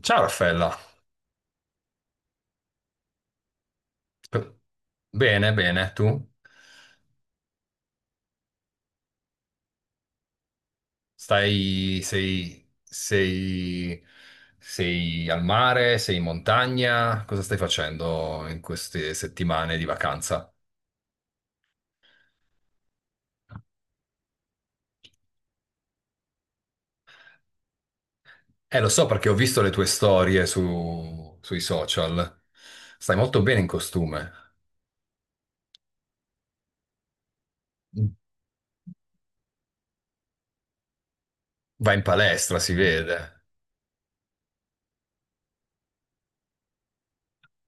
Ciao Raffaella, bene, bene, tu? Stai, sei, sei, sei al mare, sei in montagna? Cosa stai facendo in queste settimane di vacanza? Lo so perché ho visto le tue storie sui social. Stai molto bene in costume. Vai in palestra, si vede.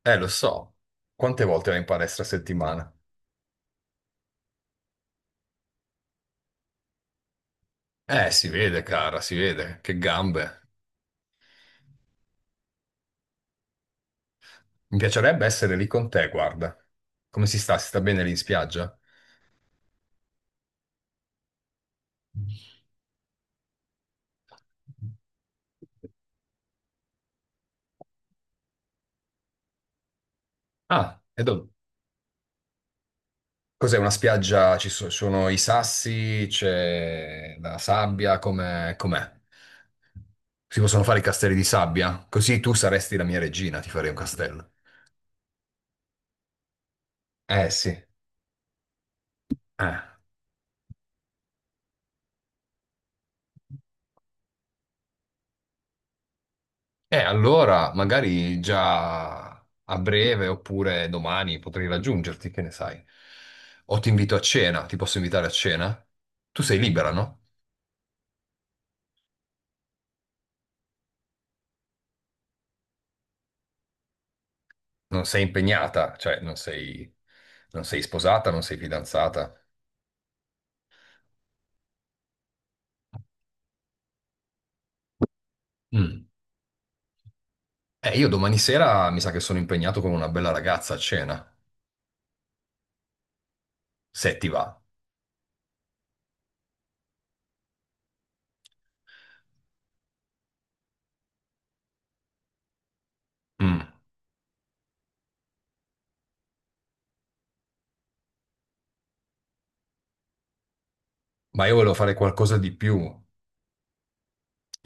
Lo so. Quante volte vai in palestra a settimana? Si vede, cara, si vede. Che gambe. Mi piacerebbe essere lì con te, guarda. Come si sta? Si sta bene lì in spiaggia? Ah, e dov- Cos'è una spiaggia? Sono i sassi, c'è la sabbia, com'è? Com'è? Si possono fare i castelli di sabbia? Così tu saresti la mia regina, ti farei un castello. Eh sì. Eh. E allora, magari già a breve oppure domani potrei raggiungerti, che ne sai? O ti invito a cena, ti posso invitare a cena? Tu sei libera, no? Non sei impegnata, cioè non sei sposata, non sei fidanzata. Mm. Io domani sera mi sa che sono impegnato con una bella ragazza a cena, se ti va. Mm. Ma io volevo fare qualcosa di più.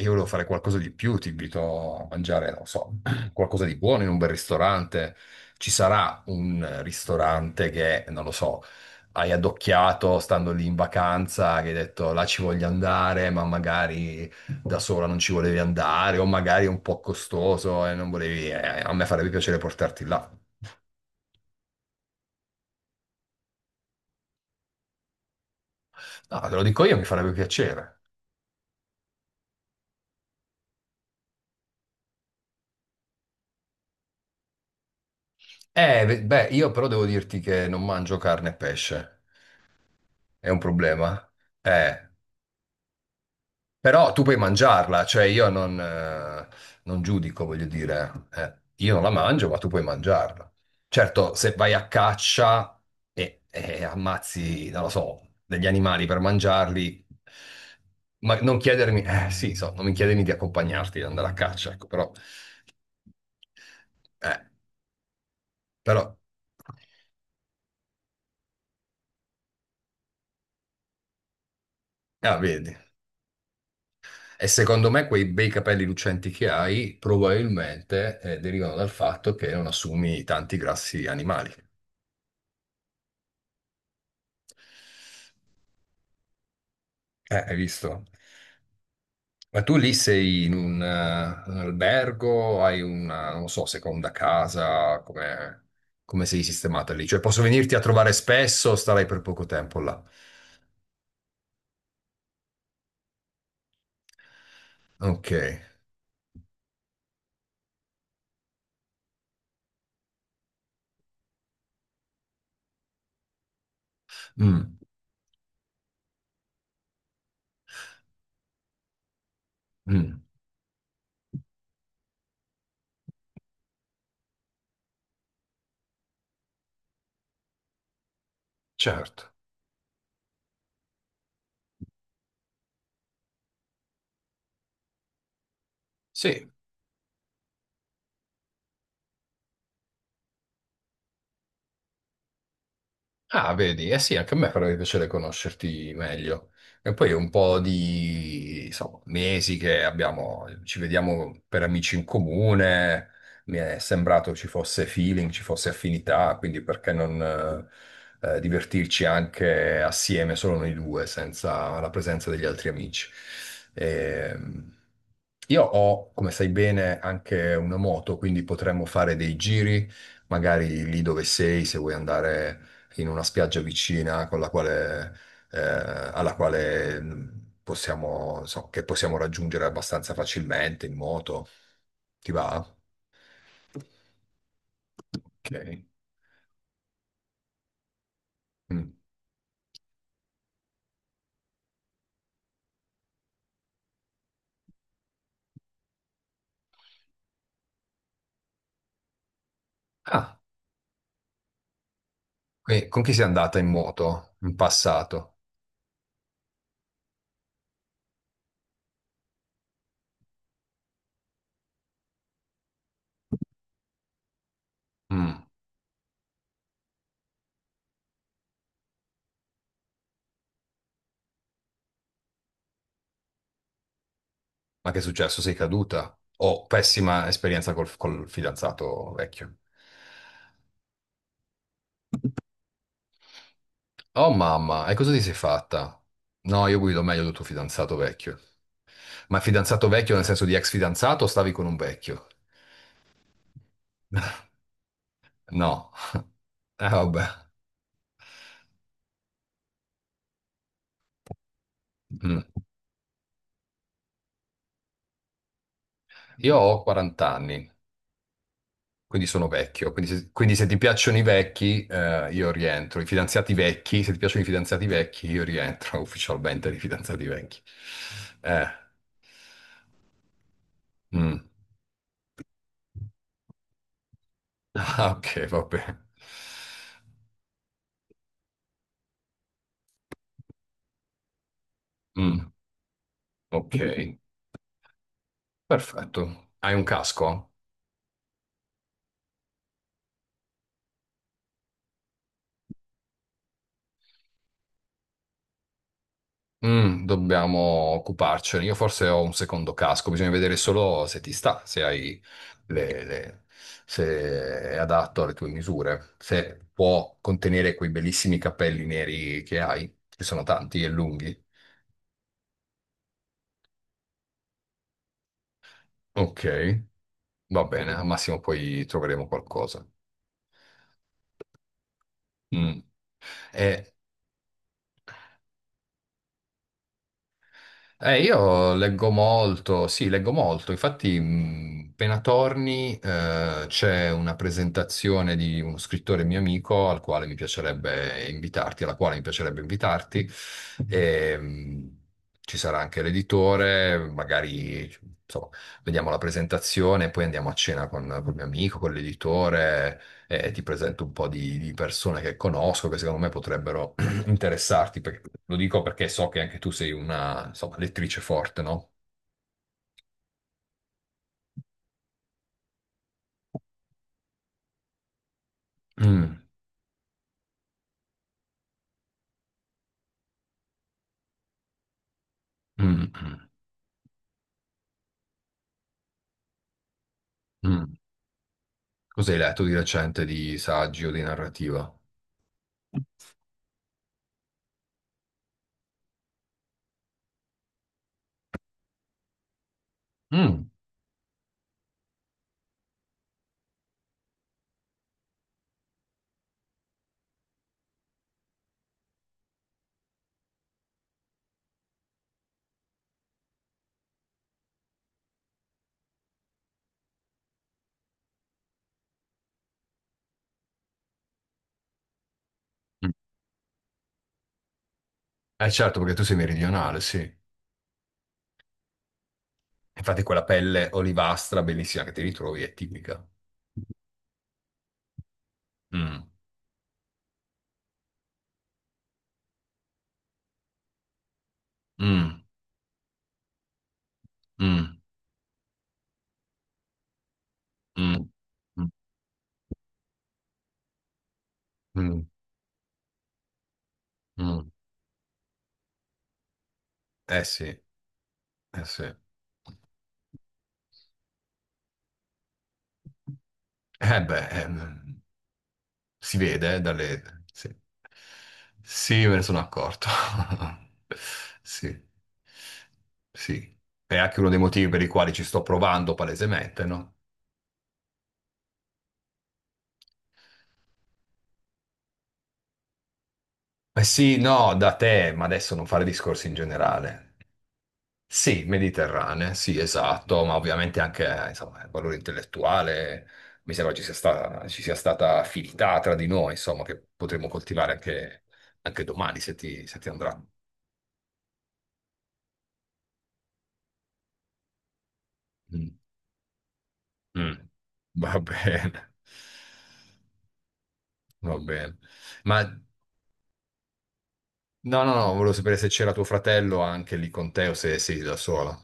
Io volevo fare qualcosa di più, ti invito a mangiare, non so, qualcosa di buono in un bel ristorante. Ci sarà un ristorante che, non lo so, hai addocchiato stando lì in vacanza, che hai detto là ci voglio andare, ma magari da sola non ci volevi andare, o magari è un po' costoso e non volevi. A me farebbe piacere portarti là. No, te lo dico io, mi farebbe piacere. Beh, io però devo dirti che non mangio carne e pesce. È un problema? Eh. Però tu puoi mangiarla, cioè io non giudico, voglio dire, io non la mangio, ma tu puoi mangiarla. Certo, se vai a caccia e ammazzi, non lo so, degli animali per mangiarli, ma non chiedermi, sì, non mi chiedermi di accompagnarti ad andare a caccia, ecco, eh, però, ah, vedi. E secondo me quei bei capelli lucenti che hai probabilmente derivano dal fatto che non assumi tanti grassi animali. Hai visto? Ma tu lì sei in un albergo, hai una, non so, seconda casa, come sei sistemata lì? Cioè posso venirti a trovare spesso o starai per poco tempo là? Ok. Mm, mm, certo. Sì, ah, vedi, eh sì, anche a me farebbe piacere conoscerti meglio. E poi è un po' di, insomma, mesi che abbiamo, ci vediamo per amici in comune, mi è sembrato ci fosse feeling, ci fosse affinità, quindi perché non divertirci anche assieme, solo noi due, senza la presenza degli altri amici. Ehm, io ho, come sai bene, anche una moto, quindi potremmo fare dei giri magari lì dove sei, se vuoi andare in una spiaggia vicina con la quale, alla quale possiamo, che possiamo raggiungere abbastanza facilmente in moto. Ti va? Ok. Mm. Ah, e con chi sei andata in moto in passato? Mm. Ma che è successo? Sei caduta? Oh, pessima esperienza col, col fidanzato vecchio. Oh mamma, e cosa ti sei fatta? No, io guido meglio del tuo fidanzato vecchio. Ma fidanzato vecchio nel senso di ex fidanzato o stavi con un vecchio? No, vabbè. Mm. Io ho 40 anni, quindi sono vecchio. Quindi se ti piacciono i vecchi, io rientro. I fidanzati vecchi, se ti piacciono i fidanzati vecchi, io rientro ufficialmente nei fidanzati vecchi. Eh, mm. Ah, ok, va bene. Mm, ok, perfetto. Hai un casco? Mm, dobbiamo occuparcene. Io forse ho un secondo casco, bisogna vedere solo se ti sta, se hai le- se è adatto alle tue misure, se può contenere quei bellissimi capelli neri che hai, che sono tanti e lunghi. Ok, va bene, al massimo poi troveremo qualcosa. Mm. E io leggo molto, sì, leggo molto. Infatti, appena torni, c'è una presentazione di uno scrittore mio amico al quale mi piacerebbe invitarti, alla quale mi piacerebbe invitarti. E, ci sarà anche l'editore, magari, insomma, vediamo la presentazione, poi andiamo a cena con mio amico, con l'editore, e ti presento un po' di persone che conosco, che secondo me potrebbero interessarti, perché- lo dico perché so che anche tu sei una, insomma, lettrice forte, no? Mm, mm, mm, mm. Cosa hai letto di recente di saggi o di narrativa? Mm, mm. Eh certo, perché tu sei meridionale, sì. Infatti quella pelle olivastra bellissima che ti ritrovi è tipica. Mm, mm, mm, mm, mm, mm, mm. Eh sì, eh sì. Eh beh, si vede dalle. Sì. Sì, me ne sono accorto. Sì, sì. È anche uno dei motivi per i quali ci sto provando palesemente, no? Eh sì, no, da te, ma adesso non fare discorsi in generale. Sì, mediterranee, sì, esatto, ma ovviamente anche, insomma, il valore intellettuale, mi sembra ci sia stata affinità tra di noi, insomma, che potremo coltivare anche domani, se ti andrà. Mm. Mm, va bene, va bene. Ma no, no, no, volevo sapere se c'era tuo fratello anche lì con te o se sei da sola.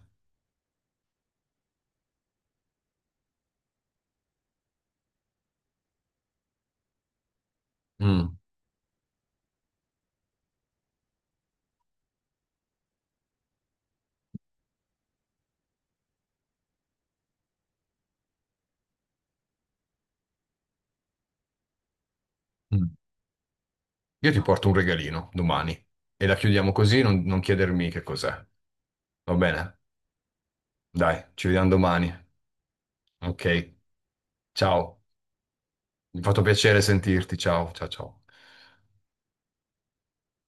Mm, mm. Io ti porto un regalino domani e la chiudiamo così, non chiedermi che cos'è. Va bene? Dai, ci vediamo domani. Ok, ciao. Mi ha fatto piacere sentirti. Ciao, ciao, ciao.